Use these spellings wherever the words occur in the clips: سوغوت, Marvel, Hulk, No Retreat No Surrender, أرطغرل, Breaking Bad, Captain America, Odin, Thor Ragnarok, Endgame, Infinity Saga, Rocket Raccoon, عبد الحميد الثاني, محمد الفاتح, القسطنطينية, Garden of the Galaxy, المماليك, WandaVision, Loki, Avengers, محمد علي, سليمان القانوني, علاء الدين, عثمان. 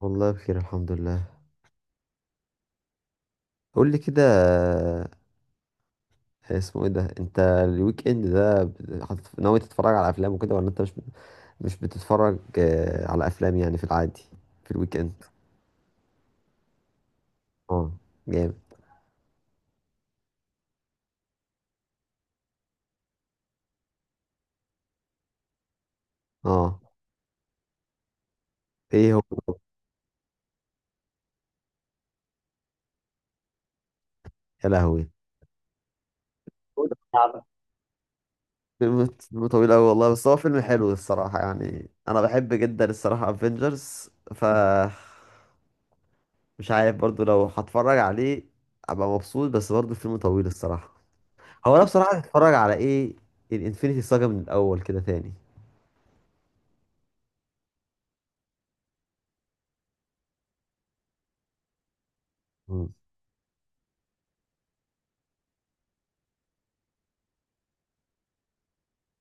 والله بخير الحمد لله. قول لي كده، اسمه ايه ده؟ انت الويك اند ده ناوي تتفرج على افلام وكده، ولا انت مش بتتفرج على افلام يعني في العادي في الويك اند؟ اه، جامد. اه، ايه هو؟ يا لهوي، هو ده الصعب. فيلم طويل قوي والله، بس هو فيلم حلو الصراحة، يعني انا بحب جدا الصراحة افنجرز. ف مش عارف برضو لو هتفرج عليه ابقى مبسوط، بس برضو فيلم طويل الصراحة. هو انا بصراحه هتتفرج على ايه؟ الانفينيتي ساجا من الاول كده تاني؟ مم.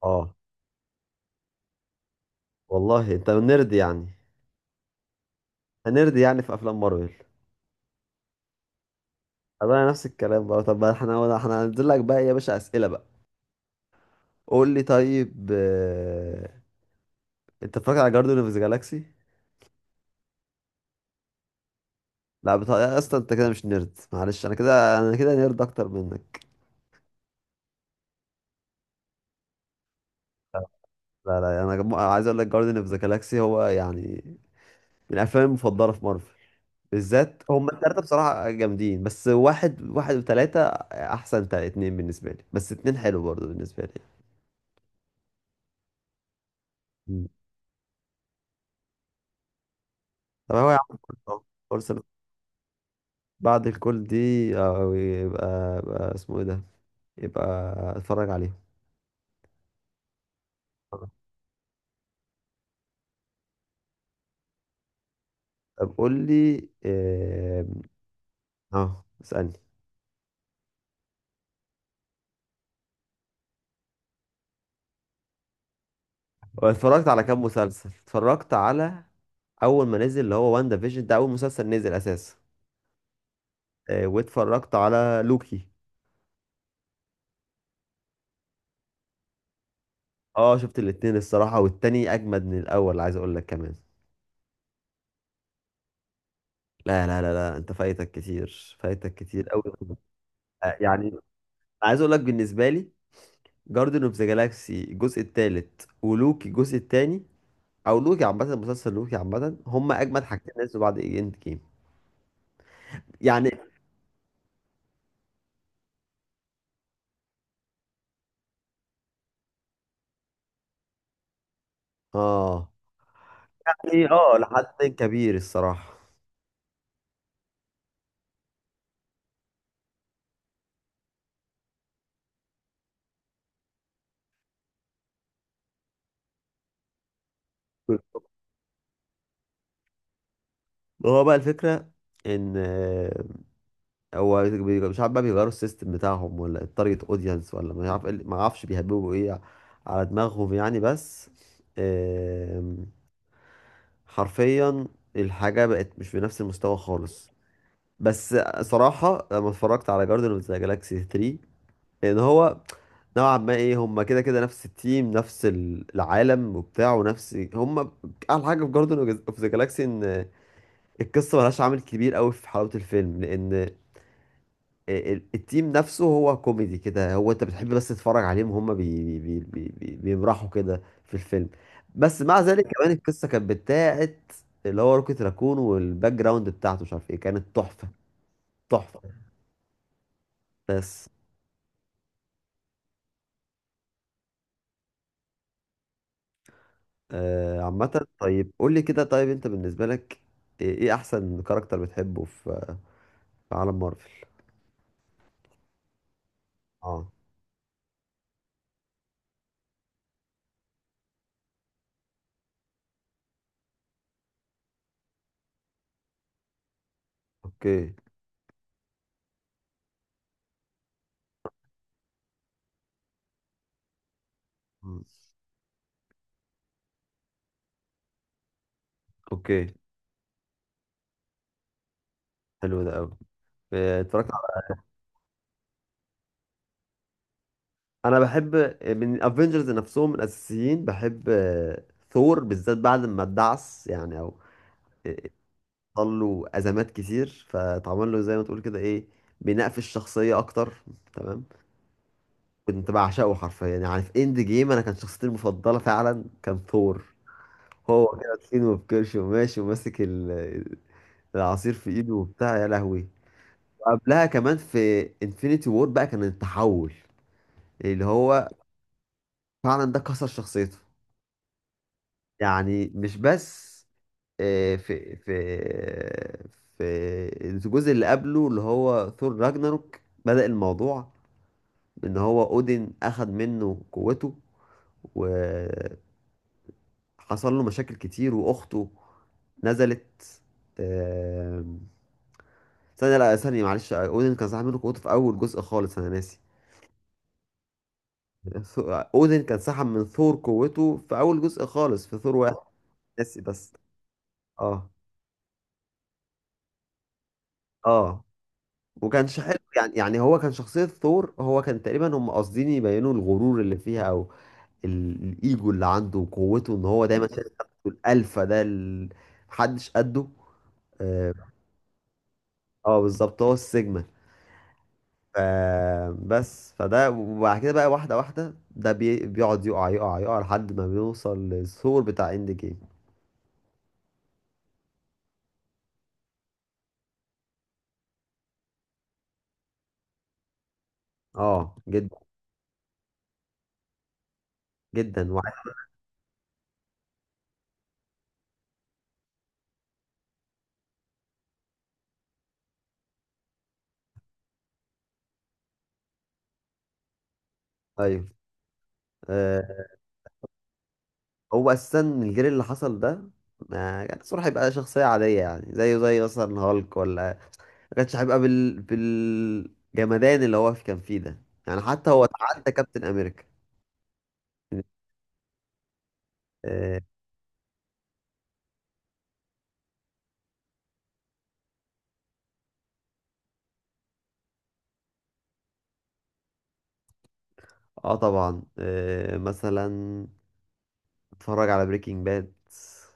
اه. والله انت نرد يعني. هنرد يعني في افلام مارفل. طب انا نفس الكلام بقى، طب احنا هننزل لك بقى يا باشا اسئله بقى. قول لي طيب، انت اتفرجت على جاردن اوف ذا جالاكسي؟ لا بتا... يا اسطى انت كده مش نرد، معلش انا كده، انا كده نرد اكتر منك. لا، لا، لا، انا عايز اقول لك جاردن اوف ذا جالاكسي هو يعني من الافلام المفضله في مارفل، بالذات هم التلاتة بصراحة جامدين، بس واحد واحد وتلاتة أحسن. اتنين بالنسبة لي، بس اتنين حلو برضه بالنسبة لي. مم. طب هو يا عم فرصة، فرصة بعد الكل دي، يبقى اسمه ايه ده، يبقى اتفرج عليهم. طب قول لي اه، اسألني. هو اتفرجت على كام مسلسل؟ اتفرجت على أول ما نزل اللي هو وان ديفيجن، ده أول مسلسل نزل أساسا، واتفرجت على لوكي. اه، شفت الاتنين الصراحة، والتاني أجمد من الأول عايز أقول لك كمان. لا، لا، لا، لا، أنت فايتك كتير، فايتك كتير أوي. يعني عايز أقول لك بالنسبة لي، جاردن اوف ذا جالاكسي الجزء التالت ولوكي الجزء التاني، أو لوكي عامة، مسلسل لوكي عامة، هما أجمد حاجتين نزلوا بعد إند جيم يعني. اه. يعني اه لحد كبير الصراحة. هو بقى الفكرة إن هو، مش عارف بقى، بيغيروا السيستم بتاعهم ولا التارجت اودينس، ولا مش عارف إيه ما اعرفش بيهببوا ايه على دماغهم يعني. بس آم، حرفيا الحاجة بقت مش بنفس المستوى خالص. بس صراحة لما اتفرجت على جاردن اوف ذا جالاكسي 3، ان هو نوعا ما ايه، هم كده كده نفس التيم، نفس العالم وبتاع، ونفس هم. احلى حاجة في جاردن اوف ذا جالاكسي ان القصة ملهاش عامل كبير قوي في حلاوة الفيلم، لان التيم نفسه هو كوميدي كده، هو انت بتحب بس تتفرج عليهم وهم بي بي بي بي بيمرحوا كده في الفيلم. بس مع ذلك كمان القصه كانت بتاعت اللي هو روكيت راكون، والباك جراوند بتاعته مش عارف ايه، كانت تحفه، تحفه. بس آه عامه، طيب قول لي كده، طيب انت بالنسبه لك ايه، احسن كاركتر بتحبه في في عالم مارفل؟ اه، اوكي. مم. اوكي، حلو ده قوي. اتفرجت. انا بحب من الافنجرز نفسهم الاساسيين، بحب ثور بالذات، بعد ما اتدعس يعني، او حصل له ازمات كتير فاتعمل له زي ما تقول كده ايه، بناء في الشخصيه اكتر. تمام. كنت بعشقه حرفيا، يعني في اند جيم انا كان شخصيتي المفضله فعلا كان ثور، هو كده تخين وبكرش وماشي وماسك العصير في ايده وبتاع، يا لهوي. وقبلها كمان في انفينيتي وور بقى، كان التحول اللي هو فعلا ده كسر شخصيته. يعني مش بس آه، في في في الجزء اللي قبله اللي هو ثور راجناروك، بدأ الموضوع بإن هو أودين أخد منه قوته، وحصل له مشاكل كتير، وأخته نزلت. آم، ثانية، لا ثانية، معلش، أودين كان سحب منه قوته في أول جزء خالص، أنا ناسي. أودين كان سحب من ثور قوته في أول جزء خالص في ثور واحد، ناسي بس. اه، اه. وكانش حلو يعني، يعني هو كان شخصية ثور، هو كان تقريبا هم قاصدين يبينوا الغرور اللي فيها، او الايجو اللي عنده وقوته، ان هو دايما شايف نفسه الالفا، ده محدش قده. اه. آه، بالظبط، هو السيجما. ف- بس فده، وبعد كده بقى واحدة واحدة، ده بيقعد يقع يقع يقع لحد ما بيوصل للثور بتاع اند جيم. اه، جدا، جدا ايوه. آه، هو اساسا الجيل اللي حصل ده ما كان الصراحة يبقى شخصية عادية، يعني زيه زي مثلا هالك، ولا كانش هيبقى بالجمدان اللي هو كان فيه ده، يعني حتى هو تعدى كابتن امريكا. اه. آه طبعا. مثلا اتفرج على بريكنج باد،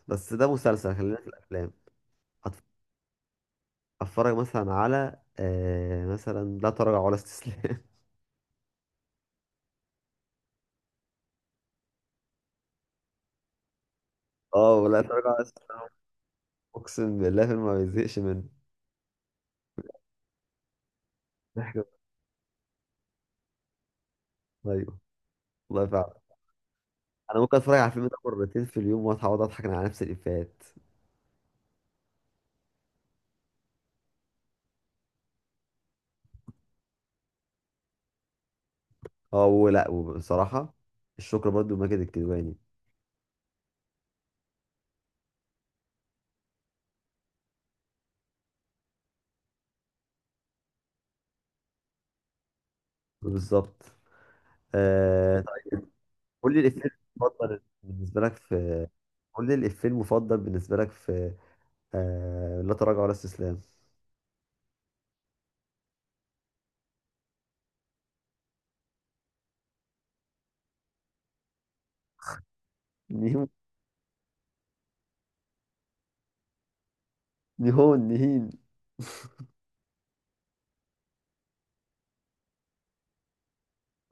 بس ده مسلسل، خلينا في الافلام. أتف- اتفرج مثلا على مثلا لا تراجع ولا استسلام. اه، ولا تراجع ولا استسلام، اقسم بالله الفيلم ما بيزهقش منه. ضحك. ايوه، والله فعلا انا ممكن اتفرج على الفيلم ده مرتين في اليوم واصحى اقعد اضحك على نفس الافيهات. اه، ولا، وبصراحه الشكر برضو لماجد الكدواني. بالظبط. آه طيب، قول لي الإفيه المفضل بالنسبة لك في قول لي الإفيه المفضل بالنسبة لك في لا تراجع ولا استسلام. نيهون، نيهون نهين.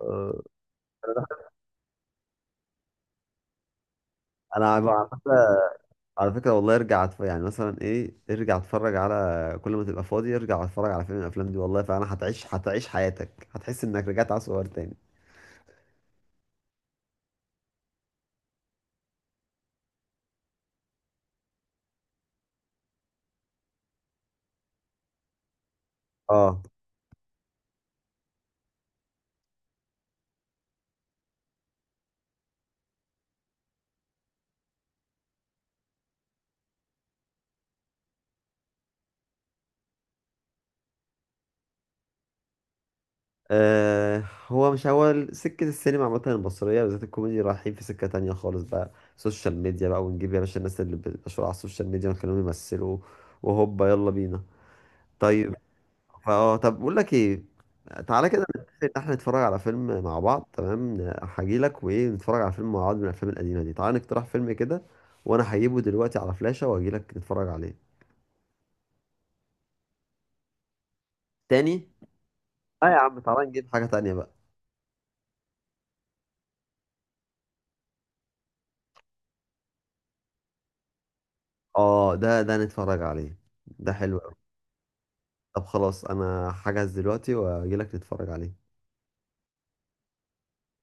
آه، أنا على فكرة، والله ارجع يعني مثلا إيه، ارجع اتفرج على، كل ما تبقى فاضي ارجع اتفرج على فيلم من الأفلام دي والله، فأنا هتعيش حياتك، هتحس إنك رجعت على صغير تاني. اه. آه، هو مش، هو سكة السينما عامة المصرية بالذات الكوميدي رايحين في سكة تانية خالص بقى، سوشيال ميديا بقى، ونجيب يا باشا الناس اللي بتشهر على السوشيال ميديا ونخليهم يمثلوا، وهوبا يلا بينا. طيب. طب بقول لك ايه، تعالى كده نتفق ان احنا نتفرج على فيلم مع بعض، تمام هجيلك وايه، نتفرج على فيلم مع بعض من الافلام القديمة دي، تعالى نقترح فيلم كده، وانا هجيبه دلوقتي على فلاشة واجيلك نتفرج عليه. تاني. اه يا عم، تعالى نجيب حاجة تانية بقى. اه، ده نتفرج عليه، ده حلو. طب خلاص انا هحجز دلوقتي واجيلك تتفرج عليه